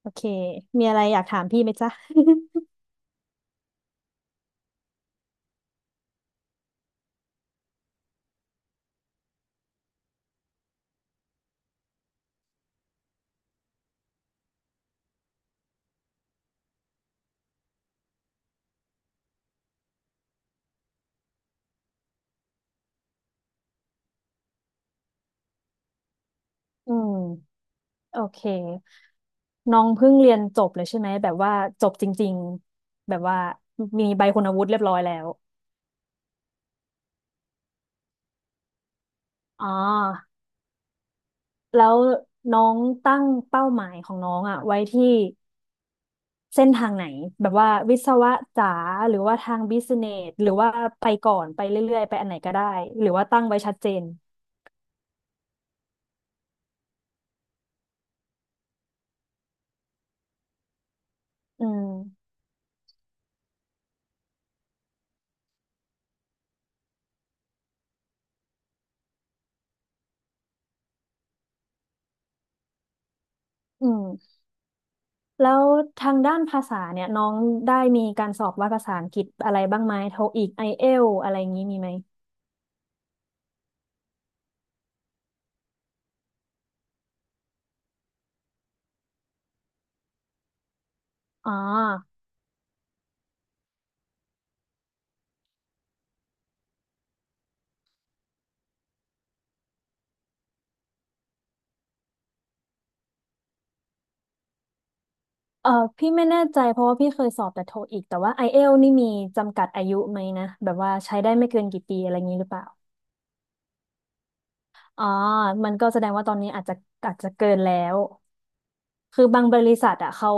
โอเค มีอะไรอยากถามพี่ไหมจ๊ะ อืมโอเคน้องเพิ่งเรียนจบเลยใช่ไหมแบบว่าจบจริงๆ แบบว่ามีใบคุณวุฒิเรียบร้อยแล้ว อ๋อแล้วน้องตั้งเป้าหมายของน้องอะไว้ที่เส้นทางไหนแบบว่าวิศวะจ๋าหรือว่าทางบิสเนสหรือว่าไปก่อนไปเรื่อยๆ ไปอันไหนก็ได้ หรือว่าตั้งไว้ชัดเจนอืมอืม แล้วทางด้านภาษาเนี่ยน้องได้มีการสอบวัดภาษาอังกฤษอะไรบ้างไหมโทอีกไอเอลอะไรอย่างนี้มีไหมอ๋อเออพี่ไม่แน่ใจเพราะว่าพี่เคยสอบแต่โทอีกแต่ว่าไอเอลนี่มีจำกัดอายุไหมนะแบบว่าใช้ได้ไม่เกินกี่ปีอะไรอย่างนี้หรือเปล่าอ๋อมันก็แสดงว่าตอนนี้อาจจะเกินแล้ว คือบางบริษัทอ่ะเขา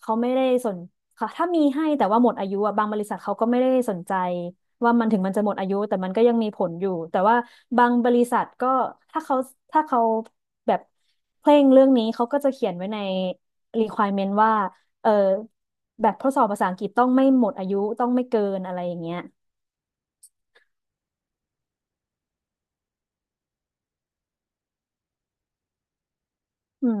เขาไม่ได้สนค่ะถ้ามีให้แต่ว่าหมดอายุอ่ะบางบริษัทเขาก็ไม่ได้สนใจว่ามันถึงมันจะหมดอายุแต่มันก็ยังมีผลอยู่แต่ว่าบางบริษัทก็ถ้าเขาถ้าเขาแบบเคร่งเรื่องนี้เขาก็จะเขียนไว้ใน requirement ว่าเออแบบทดสอบภาษาอังกฤษต้องไม่หมดอายุต้องไม่เกินอะไรอย่างเงี้ยอืม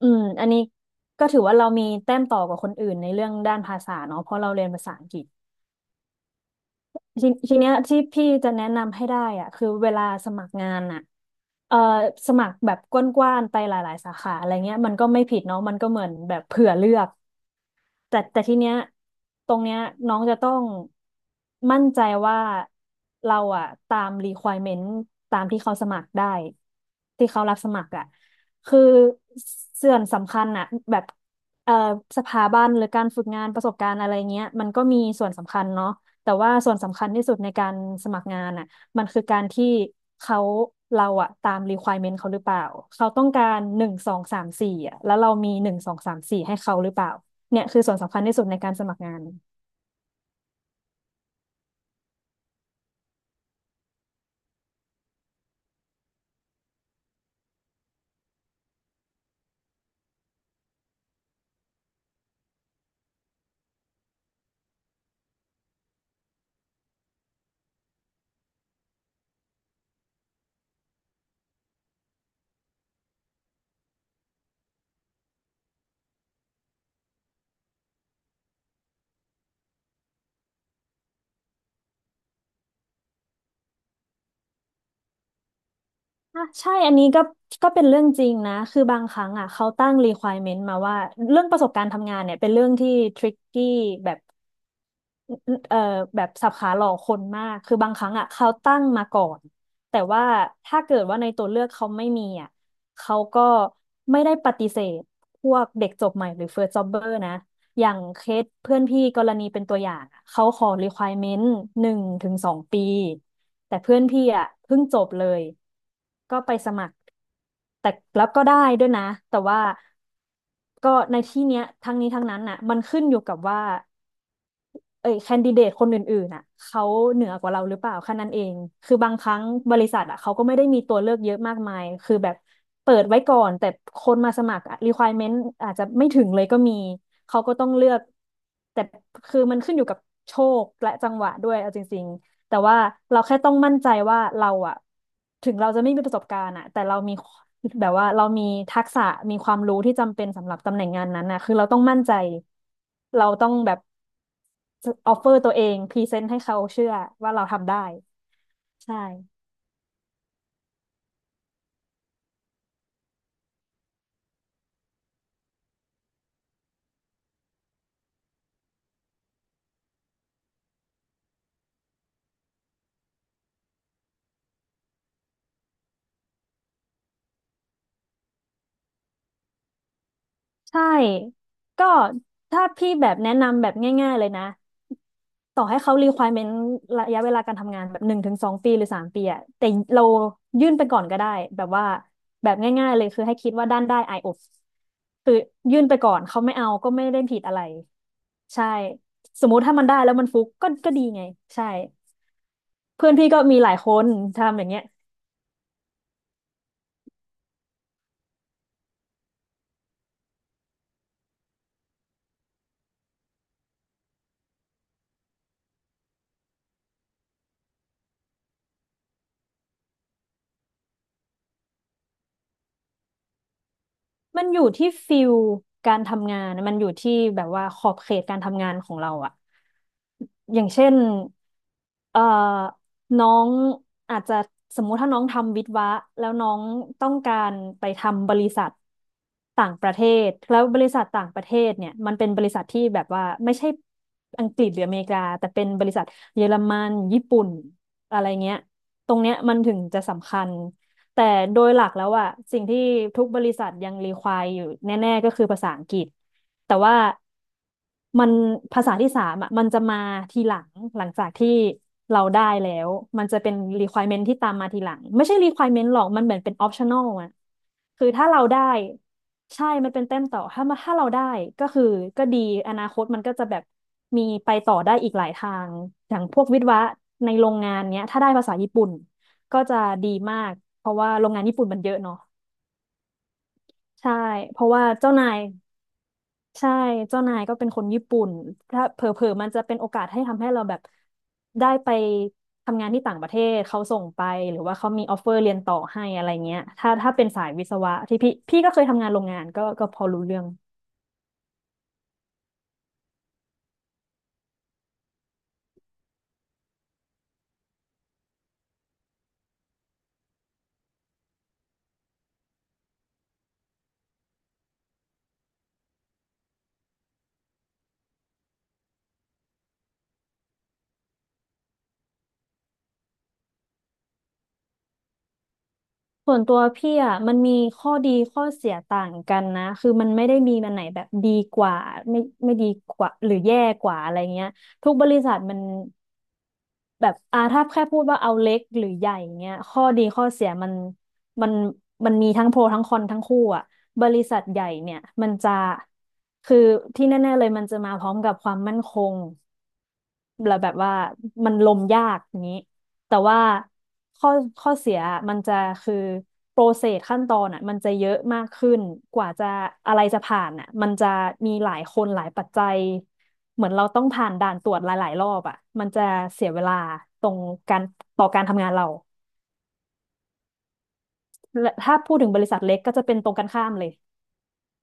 อืมอันนี้ก็ถือว่าเรามีแต้มต่อกว่าคนอื่นในเรื่องด้านภาษาเนาะเพราะเราเรียนภาษาอังกฤษ ทีเนี้ยที่พี่จะแนะนำให้ได้อ่ะคือเวลาสมัครงานอ่ะเอ่อสมัครแบบกว้างๆไปหลายๆสาขาอะไรเงี้ยมันก็ไม่ผิดเนาะมันก็เหมือนแบบเผื่อเลือก แต่ทีเนี้ยตรงเนี้ยน้องจะต้องมั่นใจว่าเราอะตาม requirement ตามที่เขาสมัครได้ที่เขารับสมัครอะคือส่วนสำคัญอะแบบเอ่อสถาบันหรือการฝึกงานประสบการณ์อะไรเงี้ยมันก็มีส่วนสำคัญเนาะแต่ว่าส่วนสำคัญที่สุดในการสมัครงานอะมันคือการที่เขาเราอะตาม requirement เขาหรือเปล่าเขาต้องการหนึ่งสองสามสี่อะแล้วเรามีหนึ่งสองสามสี่ให้เขาหรือเปล่า เนี่ยคือส่วนสำคัญที่สุดในการสมัครงานอ่ะใช่อันนี้ก็เป็นเรื่องจริงนะคือบางครั้งอ่ะเขาตั้ง requirement มาว่าเรื่องประสบการณ์ทำงานเนี่ยเป็นเรื่องที่ tricky แบบ เอ่อแบบสับขาหลอกคนมาก คือบางครั้งอ่ะเขาตั้งมาก่อน แต่ว่าถ้าเกิดว่าในตัวเลือกเขาไม่มีอ่ะเขาก็ไม่ได้ปฏิเสธพวกเด็กจบใหม่หรือ first jobber นะ อย่างเคสเพื่อนพี่กรณีเป็นตัวอย่างอะเขาขอ requirement หนึ่งถึงสองปี แต่เพื่อนพี่อ่ะเพิ่งจบเลย ก็ไปสมัคร แต่แล้วก็ได้ด้วยนะ แต่ว่าก็ในที่เนี้ยทั้งนี้ทั้งนั้นน่ะมันขึ้นอยู่กับว่า เอ้ยแคนดิเดตคนอื่นๆอ่ะเขาเหนือกว่าเราหรือเปล่าแค่นั้นเองคือบางครั้งบริษัทอ่ะเขาก็ไม่ได้มีตัวเลือกเยอะมากมายคือแบบเปิดไว้ก่อนแต่คนมาสมัครอะ requirement อาจจะไม่ถึงเลยก็มีเขาก็ต้องเลือกแต่คือมันขึ้นอยู่กับโชคและจังหวะด้วยเอาจริงๆ แต่ว่าเราแค่ต้องมั่นใจว่าเราอะถึงเราจะไม่มีประสบการณ์อะแต่เรามีแบบว่าเรามีทักษะมีความรู้ที่จำเป็นสำหรับตำแหน่งงานนั้นนะคือเราต้องมั่นใจเราต้องแบบออฟเฟอร์ตัวเองพรีเซนต์ให้เขาเชื่อว่าเราทำได้ใช่ ใช่ ก็ถ้าพี่แบบแนะนำแบบง่ายๆเลยนะต่อให้เขา requirement ระยะเวลาการทำงานแบบหนึ่งถึงสองปีหรือสามปีอะแต่เรายื่นไปก่อนก็ได้แบบว่าแบบง่ายๆเลยคือให้คิดว่าด้านได้ IOPS คือยื่นไปก่อนเขาไม่เอาก็ไม่ได้ผิดอะไรใช่สมมุติถ้ามันได้แล้วมันฟุกก็ดีไงใช่เพื่อนพี่ก็มีหลายคนทำอย่างเงี้ย มันอยู่ที่ฟิลการทำงานมันอยู่ที่แบบว่าขอบเขตการทำงานของเราอะอย่างเช่นเอ่อน้องอาจจะสมมุติถ้าน้องทำวิศวะแล้วน้องต้องการไปทำบริษัทต่างประเทศแล้วบริษัทต่างประเทศเนี่ยมันเป็นบริษัทที่แบบว่าไม่ใช่อังกฤษหรืออเมริกาแต่เป็นบริษัทเยอรมันญี่ปุ่นอะไรเงี้ยตรงเนี้ยมันถึงจะสำคัญ แต่โดยหลักแล้วอะสิ่งที่ทุกบริษัทยังรีควายอยู่แน่ๆก็คือภาษาอังกฤษแต่ว่ามันภาษาที่สามอะมันจะมาทีหลังหลังจากที่เราได้แล้วมันจะเป็น requirement ที่ตามมาทีหลังไม่ใช่ requirement หรอกมันเหมือนเป็น optional อะ คือถ้าเราได้ใช่มันเป็นแต้มต่อถ้ามาถ้าเราได้ก็คือก็ดีอนาคตมันก็จะแบบมีไปต่อได้อีกหลายทางอย่างพวกวิศวะในโรงงานเนี้ยถ้าได้ภาษาญี่ปุ่นก็จะดีมากเพราะว่าโรงงานญี่ปุ่นมันเยอะเนาะใช่เพราะว่าเจ้านาย ใช่เจ้านายก็เป็นคนญี่ปุ่นถ้าเผลอๆมันจะเป็นโอกาสให้ทำให้เราแบบได้ไปทำงานที่ต่างประเทศเขาส่งไปหรือว่าเขามีออฟเฟอร์เรียนต่อให้อะไรเงี้ยถ้าเป็นสายวิศวะที่พี่ก็เคยทำงานโรงงานก็พอรู้เรื่องส่วนตัวพี่อ่ะมันมีข้อดีข้อเสียต่างกันนะคือมันไม่ได้มีมันไหนแบบดีกว่าไม่ไม่ดีกว่าหรือแย่กว่าอะไรเงี้ยทุกบริษัทมัน แบบถ้าแค่พูดว่าเอาเล็กหรือใหญ่เงี้ยข้อดีข้อเสียมันมันมีทั้งโปรทั้งคอนทั้งคู่อ่ะบริษัทใหญ่เนี่ยมันจะคือที่แน่ๆเลยมันจะมาพร้อมกับความมั่นคง แล้วแบบว่ามันลมยากอย่างนี้แต่ว่าข้อข้อเสียมันจะคือโปรเซสขั้นตอนอ่ะมันจะเยอะมากขึ้นกว่าจะอะไรจะผ่านอ่ะมันจะมีหลายคนหลายปัจจัยเหมือนเราต้องผ่านด่านตรวจหลายๆรอบอ่ะมันจะเสียเวลาตรงการต่อการทำงานเราและถ้าพูดถึงบริษัทเล็กก็จะเป็นตรงกันข้ามเลย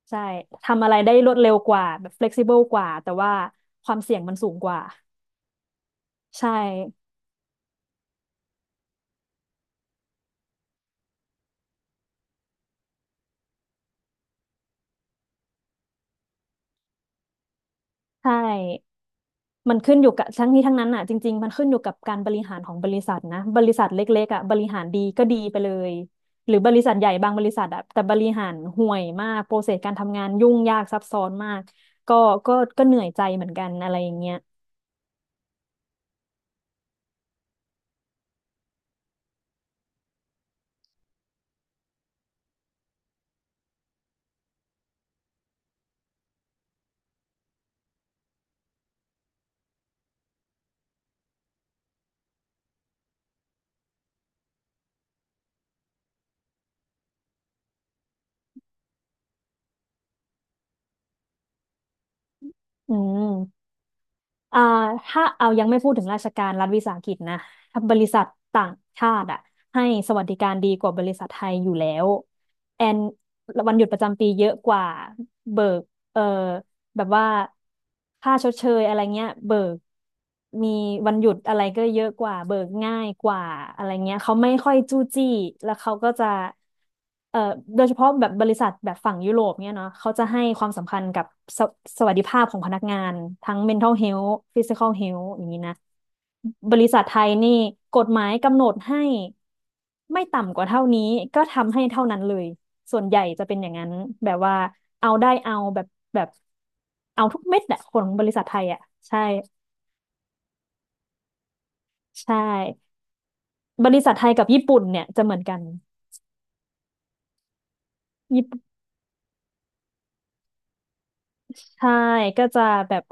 ใช่ทำอะไรได้รวดเร็วกว่าแบบ flexible กว่าแต่ว่าความเสี่ยงมันสูงกว่าใช่ใช่ มันขึ้นอยู่กับทั้งนี้ทั้งนั้นอ่ะจริงๆมันขึ้นอยู่กับการบริหารของบริษัทนะบริษัทเล็กๆอ่ะบริหารดีก็ดีไปเลยหรือบริษัทใหญ่บางบริษัทอ่ะแต่บริหารห่วยมากโปรเซสการทำงานยุ่งยากซับซ้อนมากก็ก็ก็เหนื่อยใจเหมือนกันอะไรอย่างเงี้ยอืมอ่าถ้าเอายังไม่พูดถึงราชการรัฐวิสาหกิจนะถ้าบริษัทต่างชาติอ่ะให้สวัสดิการดีกว่าบริษัทไทยอยู่แล้วแอนวันหยุดประจำปีเยอะกว่าเบิกเอ่อ แบบว่าค่าชดเชยอะไรเงี้ยเบิกมีวันหยุดอะไรก็เยอะกว่าเบิกง่ายกว่าอะไรเงี้ยเขาไม่ค่อยจู้จี้แล้วเขาก็จะเอ่อโดยเฉพาะแบบบริษัทแบบฝั่งยุโรปเนี่ยเนาะเขาจะให้ความสำคัญกับสสวัสดิภาพของพนักงานทั้ง mental health physical health อย่างนี้นะบริษัทไทยนี่กฎหมายกำหนดให้ไม่ต่ำกว่าเท่านี้ก็ทำให้เท่านั้นเลยส่วนใหญ่จะเป็นอย่างนั้นแบบว่าเอาได้เอาแบบ เอาทุกเม็ดแหละของบริษัทไทยอ่ะใช่ใช่บริษัทไทยกับญี่ปุ่นเนี่ยจะเหมือนกันญี่ปุ่นใช่ก็จะแบบ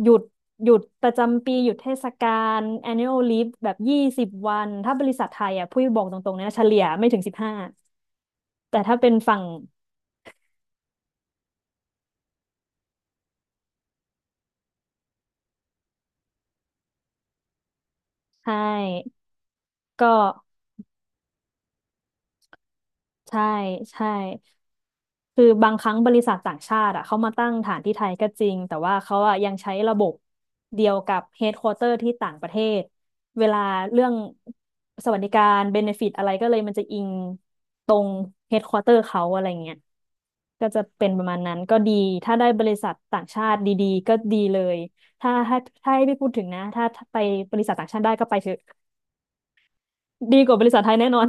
หยุดหยุดประจำปีหยุดเทศกาล annual leave แบบ20วันถ้าบริษัทไทยอ่ะพูดบอกตรงๆนะเฉลี่ยไม่ถึง15แต่ถ้าเป็นฝั่งใช่ก็ใช่ใช่ คือบางครั้งบริษัทต่างชาติอะเขามาตั้งฐานที่ไทยก็จริงแต่ว่าเขาอะยังใช้ระบบเดียวกับเฮดควอเตอร์ที่ต่างประเทศเวลาเรื่องสวัสดิการเบเนฟิตอะไรก็เลยมันจะอิงตรงเฮดควอเตอร์เขาอะไรเงี้ยก็จะเป็นประมาณนั้นก็ดีถ้าได้บริษัทต่างชาติดีๆก็ดีเลยถ้าถ้าถ้าให้พี่พูดถึงนะถ้าไปบริษัทต่างชาติได้ก็ไปเถอะดีกว่าบริษัทไทยแน่นอน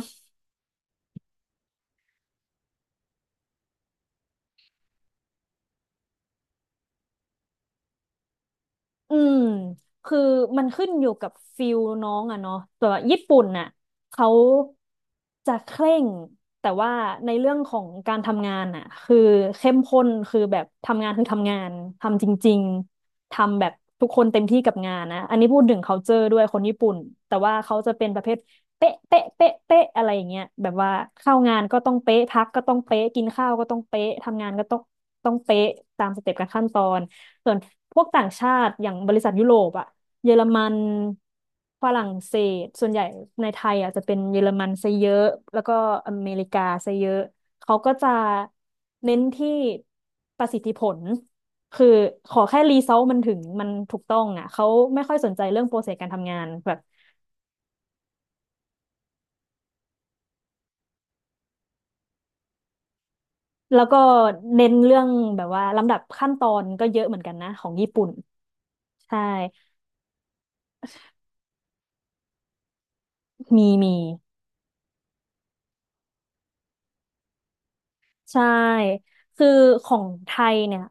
อืมคือมันขึ้นอยู่กับฟิลน้องอะเนาะแต่ว่าญี่ปุ่นน่ะเขาจะเคร่งแต่ว่าในเรื่องของการทำงานน่ะคือเข้มข้นคือแบบทำงานคือทำงานทำจริงๆ ทำแบบทุกคนเต็มที่กับงานนะอันนี้พูดถึง culture ด้วยคนญี่ปุ่นแต่ว่าเขาจะเป็นประเภทเป๊ะอะไรอย่างเงี้ยแบบว่าเข้างานก็ต้องเป๊ะพักก็ต้องเป๊ะกินข้าวก็ต้องเป๊ะทำงานก็ต้องเป๊ะตามสเต็ปการขั้นตอน ส่วนพวกต่างชาติอย่างบริษัทยุโรปอะเยอรมันฝรั่งเศสส่วนใหญ่ในไทยอะจะเป็นเยอรมันซะเยอะแล้วก็อเมริกาซะเยอะเขาก็จะเน้นที่ประสิทธิผลคือขอแค่รีเซอลมันถึงมันถูกต้องอะเขาไม่ค่อยสนใจเรื่องโปรเซสการทำงานแบบแล้วก็เน้นเรื่องแบบว่าลำดับขั้นตอนก็เยอะเหมือนกันนะของญี่ปุ่นใช่มี ใช่ คือของไทยเนี่ย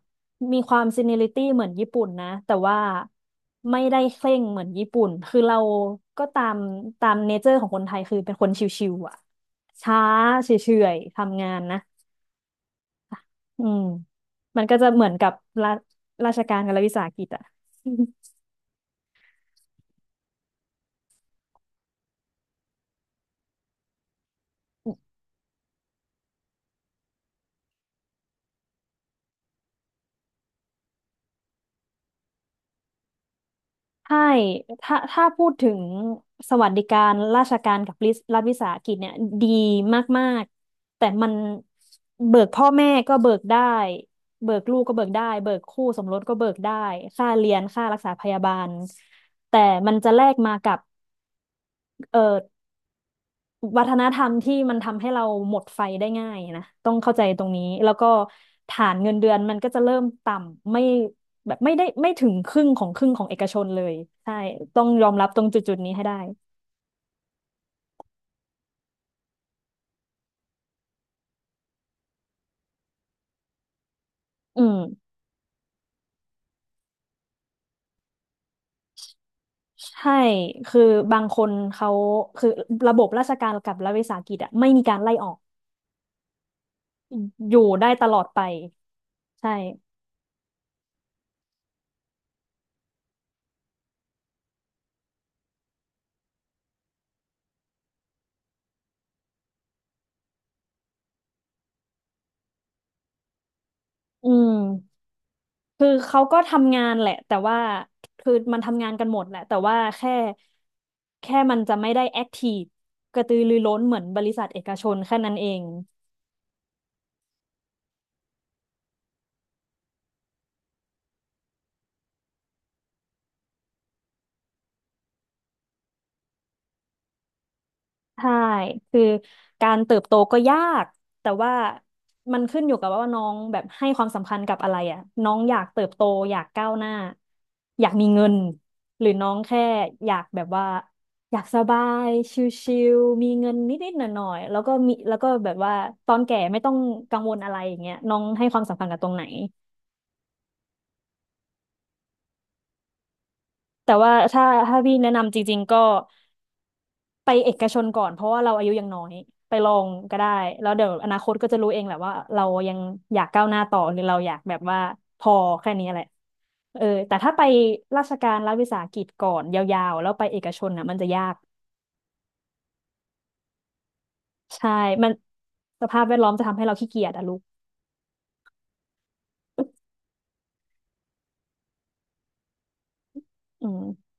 มีความซีเนียริตี้เหมือนญี่ปุ่นนะแต่ว่าไม่ได้เคร่งเหมือนญี่ปุ่นคือเราก็ตามเนเจอร์ของคนไทยคือเป็นคนชิวๆอ่ะช้าเฉยๆทำงานนะอืมมันก็จะเหมือนกับราราชการกับรัฐวิสาหกิจอ่ะ ใช่ถ้าพูดถึงสวัสดิการราชการกับรัฐวิสาหกิจเนี่ยดีมากๆแต่มันเบิกพ่อแม่ก็เบิกได้ เบิกลูกก็เบิกได้ เบิกคู่สมรสก็เบิกได้ ค่าเรียน ค่ารักษาพยาบาล แต่มันจะแลกมากับเอ่อ วัฒนธรรมที่มันทำให้เราหมดไฟได้ง่ายนะต้องเข้าใจตรงนี้แล้วก็ฐานเงินเดือนมันก็จะเริ่มต่ำไม่แบบไม่ได้ไม่ถึงครึ่งของครึ่งของเอกชนเลยใช่ต้องยอมรับตรงจุดๆนี้ให้ได้อืมใช่คือบางคนเขาคือระบบราชการกับรัฐวิสาหกิจอะไม่มีการไล่ออกอยู่ได้ตลอดไปใช่อืม คือเขาก็ทำงานแหละแต่ว่าคือมันทำงานกันหมดแหละแต่ว่าแค่มันจะไม่ได้แอคทีฟกระตือรือร้นเหมือนบริษัทเอกชนแค่นั้นเอง ใช่คือการเติบโตก็ยากแต่ว่ามันขึ้นอยู่กับว่าน้องแบบให้ความสำคัญกับอะไรอ่ะน้องอยากเติบโตอยากก้าวหน้าอยากมีเงินหรือน้องแค่อยากแบบว่าอยากสบายชิลๆมีเงินนิดๆหน่อยๆแล้วก็มีแล้วก็แบบว่าตอนแก่ไม่ต้องกังวลอะไรอย่างเงี้ยน้องให้ความสำคัญกับตรงไหนแต่ว่าถ้าพี่แนะนำจริงๆก็ ไปเอกชนก่อนเพราะว่าเราอายุยังน้อยไปลองก็ได้แล้วเดี๋ยวอนาคตก็จะรู้เองแหละว่าเรายังอยากก้าวหน้าต่อหรือเราอยากแบบว่าพอแค่นี้แหละเออแต่ถ้าไปราชการรัฐวิสาหกิจก่อนยาวๆแล้วไปเอกชนน่ะมันจะยากใช่มันสภาพแวดล้อมจะทำให้เราขี้เกียจอะลูกอืม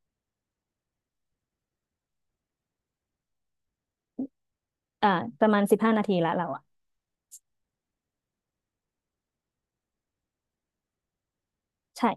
อ่าประมาณ15 นาทีละเราอะใช่